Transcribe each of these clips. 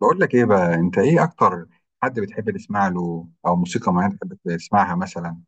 بقول لك ايه بقى؟ انت ايه اكتر حد بتحب تسمع له او موسيقى معينه بتحب تسمعها مثلا؟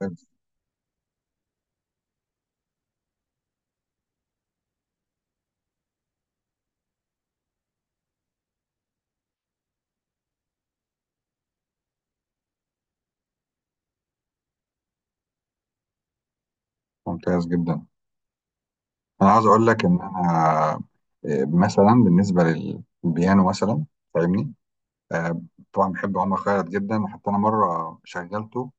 ممتاز. ممتاز جدا. انا عايز اقول لك ان انا، مثلا بالنسبه للبيانو مثلا، فاهمني؟ آه، طبعا بحب عمر خيرت جدا. حتى انا مره شغلته،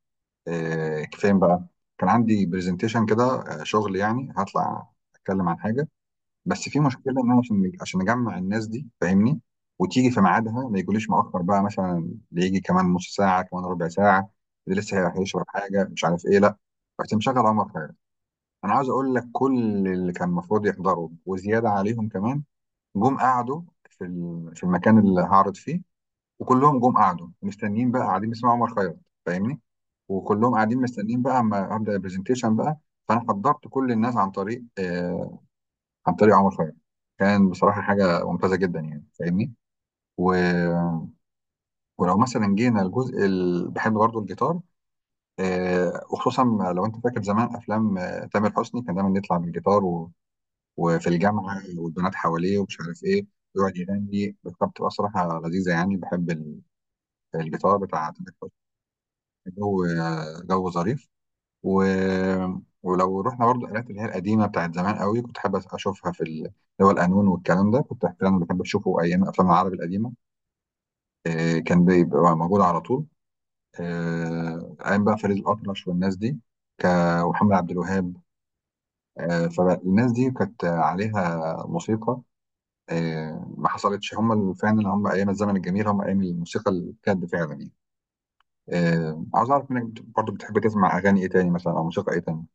فين بقى؟ كان عندي برزنتيشن كده، شغل يعني، هطلع اتكلم عن حاجه. بس في مشكله ان انا عشان اجمع الناس دي، فاهمني؟ وتيجي في ميعادها، ما يجوليش مؤخر بقى مثلا، اللي يجي كمان نص ساعه، كمان ربع ساعه، اللي لسه هيشرب حاجه، مش عارف ايه، لا. رحت مشغل عمر خيرت. انا عاوز اقول لك، كل اللي كان المفروض يحضروا وزياده عليهم كمان، جم قعدوا في في المكان اللي هعرض فيه، وكلهم جم قعدوا مستنيين بقى، قاعدين بيسمعوا عمر خيرت، فاهمني؟ وكلهم قاعدين مستنيين بقى اما ابدا البرزنتيشن بقى. فانا حضرت كل الناس عن طريق عن طريق عمر خيرت. كان بصراحة حاجة ممتازة جدا يعني، فاهمني؟ و... ولو مثلا جينا الجزء اللي بحب برضه، الجيتار، وخصوصا لو انت فاكر زمان افلام تامر حسني، كان دايما يطلع بالجيتار وفي الجامعة والبنات حواليه ومش عارف ايه، ويقعد يغني. كانت بتبقى صراحة لذيذة يعني. بحب الجيتار بتاع تامر حسني. جو جو ظريف. و... ولو رحنا برضو الآلات اللي هي القديمة بتاعت زمان قوي، كنت حابب أشوفها في اللي هو القانون والكلام ده. كنت أحيانا بحب أشوفه أيام أفلام العربي القديمة. كان بيبقى موجود على طول، أيام بقى فريد الأطرش والناس دي، ك... ومحمد عبد الوهاب. فالناس دي كانت عليها موسيقى، ما حصلتش. هم فعلا هم أيام الزمن الجميل، هم أيام الموسيقى الجد فعلا يعني. عاوز أعرف منك، برضو بتحب تسمع أغاني إيه تاني مثلا، أو موسيقى إيه تاني؟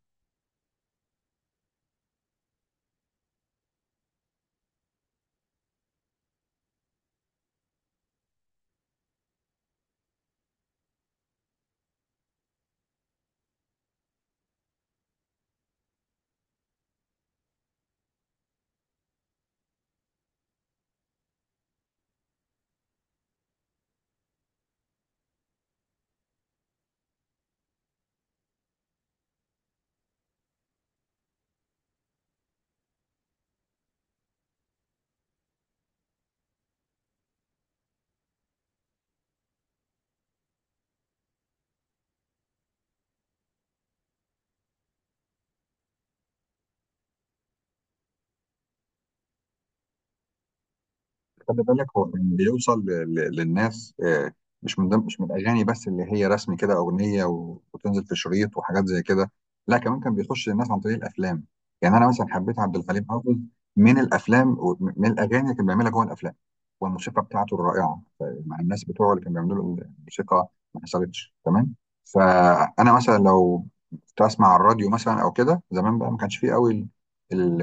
خلي بالك، هو اللي بيوصل للناس مش من ضمن، مش من الاغاني بس اللي هي رسمي كده، اغنيه وتنزل في شريط وحاجات زي كده. لا كمان كان بيخش للناس عن طريق الافلام. يعني انا مثلا حبيت عبد الحليم حافظ من الافلام، ومن الاغاني اللي كان بيعملها جوه الافلام، والموسيقى بتاعته الرائعه، مع الناس بتوعه اللي كانوا بيعملوا له الموسيقى، ما حصلتش. تمام. فانا مثلا لو كنت اسمع على الراديو مثلا او كده زمان بقى، ما كانش فيه قوي ال-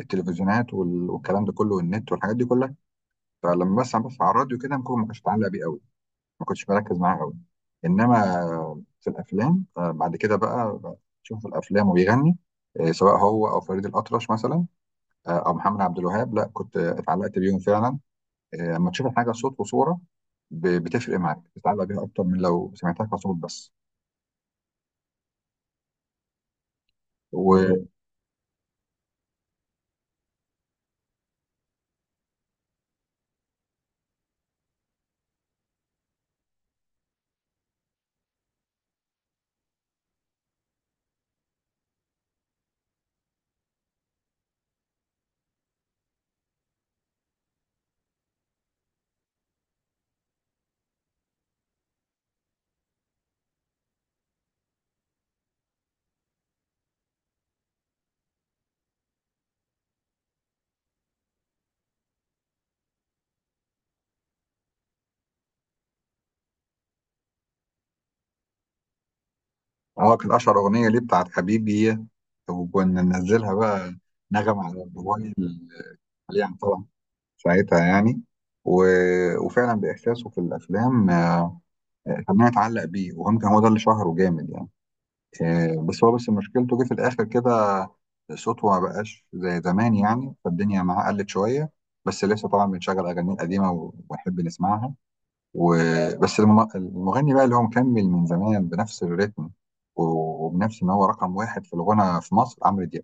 التلفزيونات والكلام ده كله، والنت والحاجات دي كلها. فلما بس بص على الراديو كده، ممكن ما كنتش متعلق بيه قوي، ما كنتش بركز معاه قوي. انما في الافلام بعد كده بقى، تشوف في الافلام وبيغني، سواء هو او فريد الاطرش مثلا، او محمد عبد الوهاب، لا كنت اتعلقت بيهم فعلا. لما تشوف الحاجه صوت وصوره، بتفرق معاك، بتتعلق بيها اكتر من لو سمعتها كصوت بس. واه. كان اشهر اغنيه ليه بتاعت حبيبي، وكنا ننزلها بقى نغم على الموبايل عليها طبعا، ساعتها يعني. و... وفعلا بإحساسه في الأفلام، خلاني أتعلق بيه. وهم كان هو ده اللي شهره جامد يعني. بس هو بس مشكلته جه في الآخر كده، صوته ما بقاش زي زمان يعني، فالدنيا معاه قلت شوية. بس لسه طبعا بنشغل أغاني القديمة ونحب نسمعها. وبس. المغني بقى اللي هو مكمل من زمان بنفس الريتم، وبنفس إن هو رقم واحد في الغنى في مصر، عمرو دياب.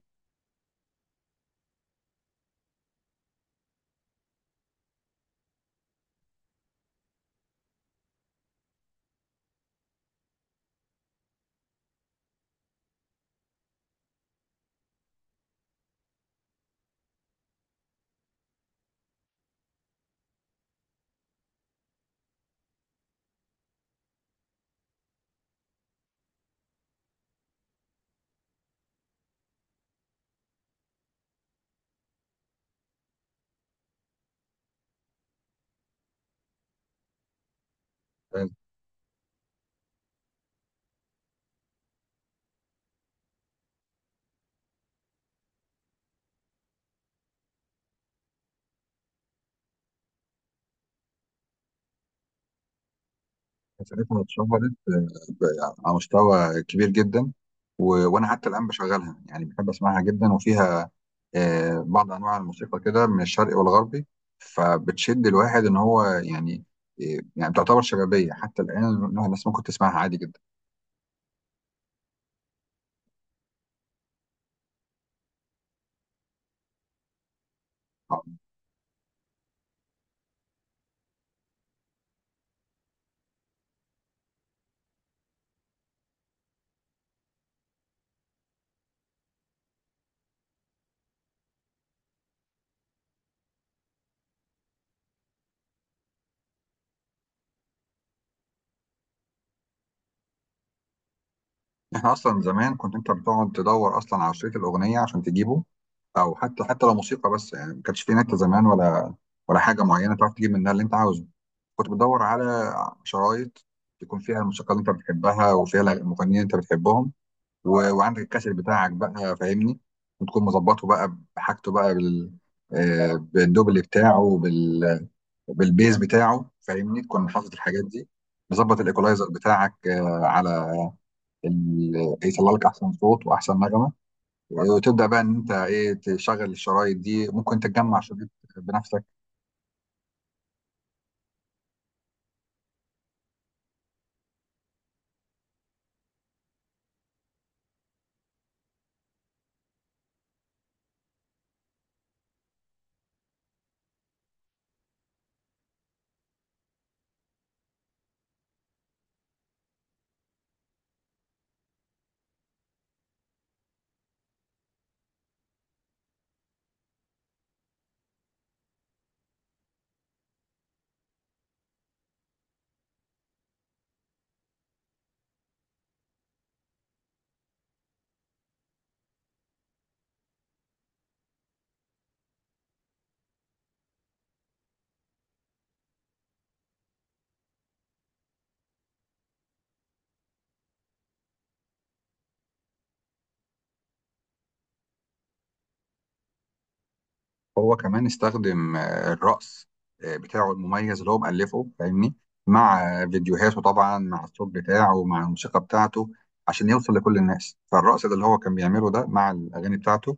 ساعتها اتشهرت آه، ب- على مستوى كبير جدا. وانا حتى الان بشغلها يعني، بحب اسمعها جدا، وفيها بعض انواع الموسيقى كده من الشرقي والغربي، فبتشد الواحد ان هو يعني، يعني تعتبر شبابيه حتى الان، إنها الناس ممكن تسمعها عادي جدا. احنا اصلا زمان كنت انت بتقعد تدور اصلا على شريط الاغنيه عشان تجيبه، او حتى حتى لو موسيقى بس يعني. ما كانش في نت زمان، ولا ولا حاجه معينه تعرف تجيب منها اللي انت عاوزه. كنت بدور على شرايط يكون فيها الموسيقى اللي انت بتحبها، وفيها المغنيين اللي انت بتحبهم. وعندك الكاسيت بتاعك بقى، فاهمني؟ وتكون مظبطه بقى بحاجته بقى، بالدوبل بتاعه، بالبيز بتاعه، فاهمني؟ تكون حافظ الحاجات دي، مظبط الايكولايزر بتاعك على ال... يطلع لك احسن صوت واحسن نغمه، وتبدا بقى ان انت ايه، تشغل الشرايط دي. ممكن تجمع شريط بنفسك. هو كمان استخدم الرقص بتاعه المميز اللي هو مألفه، فاهمني؟ مع فيديوهاته طبعا، مع الصوت بتاعه، مع الموسيقى بتاعته، عشان يوصل لكل الناس. فالرقص ده اللي هو كان بيعمله ده مع الأغاني بتاعته،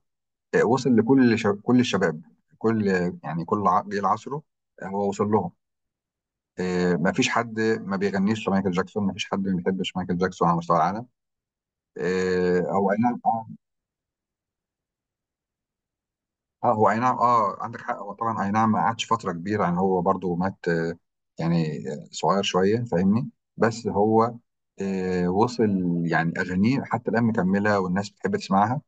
وصل لكل كل الشباب، كل يعني كل جيل عصره، هو وصل لهم. ما فيش حد ما بيغنيش مايكل جاكسون، ما فيش حد ما بيحبش مايكل جاكسون على مستوى العالم. او انا اه. هو اي نعم، اه عندك حق. هو طبعا اي نعم، ما قعدش فتره كبيره يعني، هو برضو مات يعني صغير شويه، فاهمني؟ بس هو وصل يعني. اغانيه حتى الان مكمله، والناس بتحب تسمعها.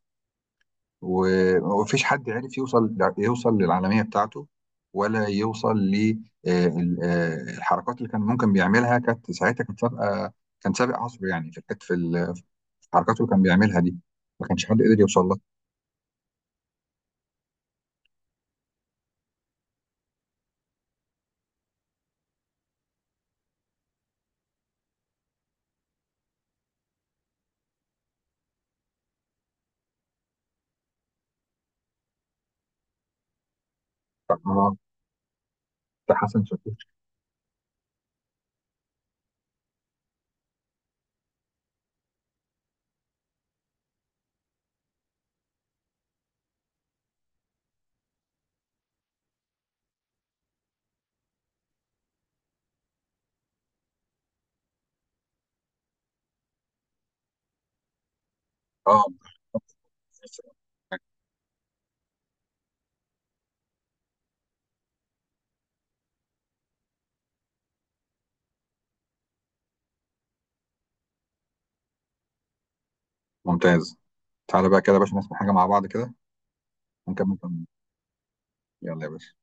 ومفيش حد عرف يوصل، يوصل للعالميه بتاعته، ولا يوصل للحركات اللي كان ممكن بيعملها. كانت ساعتها كانت سابقه، كان سابق عصره يعني، في في في الحركات اللي كان بيعملها دي، ما كانش حد قدر يوصل لها. آه، ده حسن شاكوش. اه. ممتاز. تعالى بقى كده يا باشا نسمع حاجة مع بعض كده، ونكمل كلامنا. يلا يا باشا.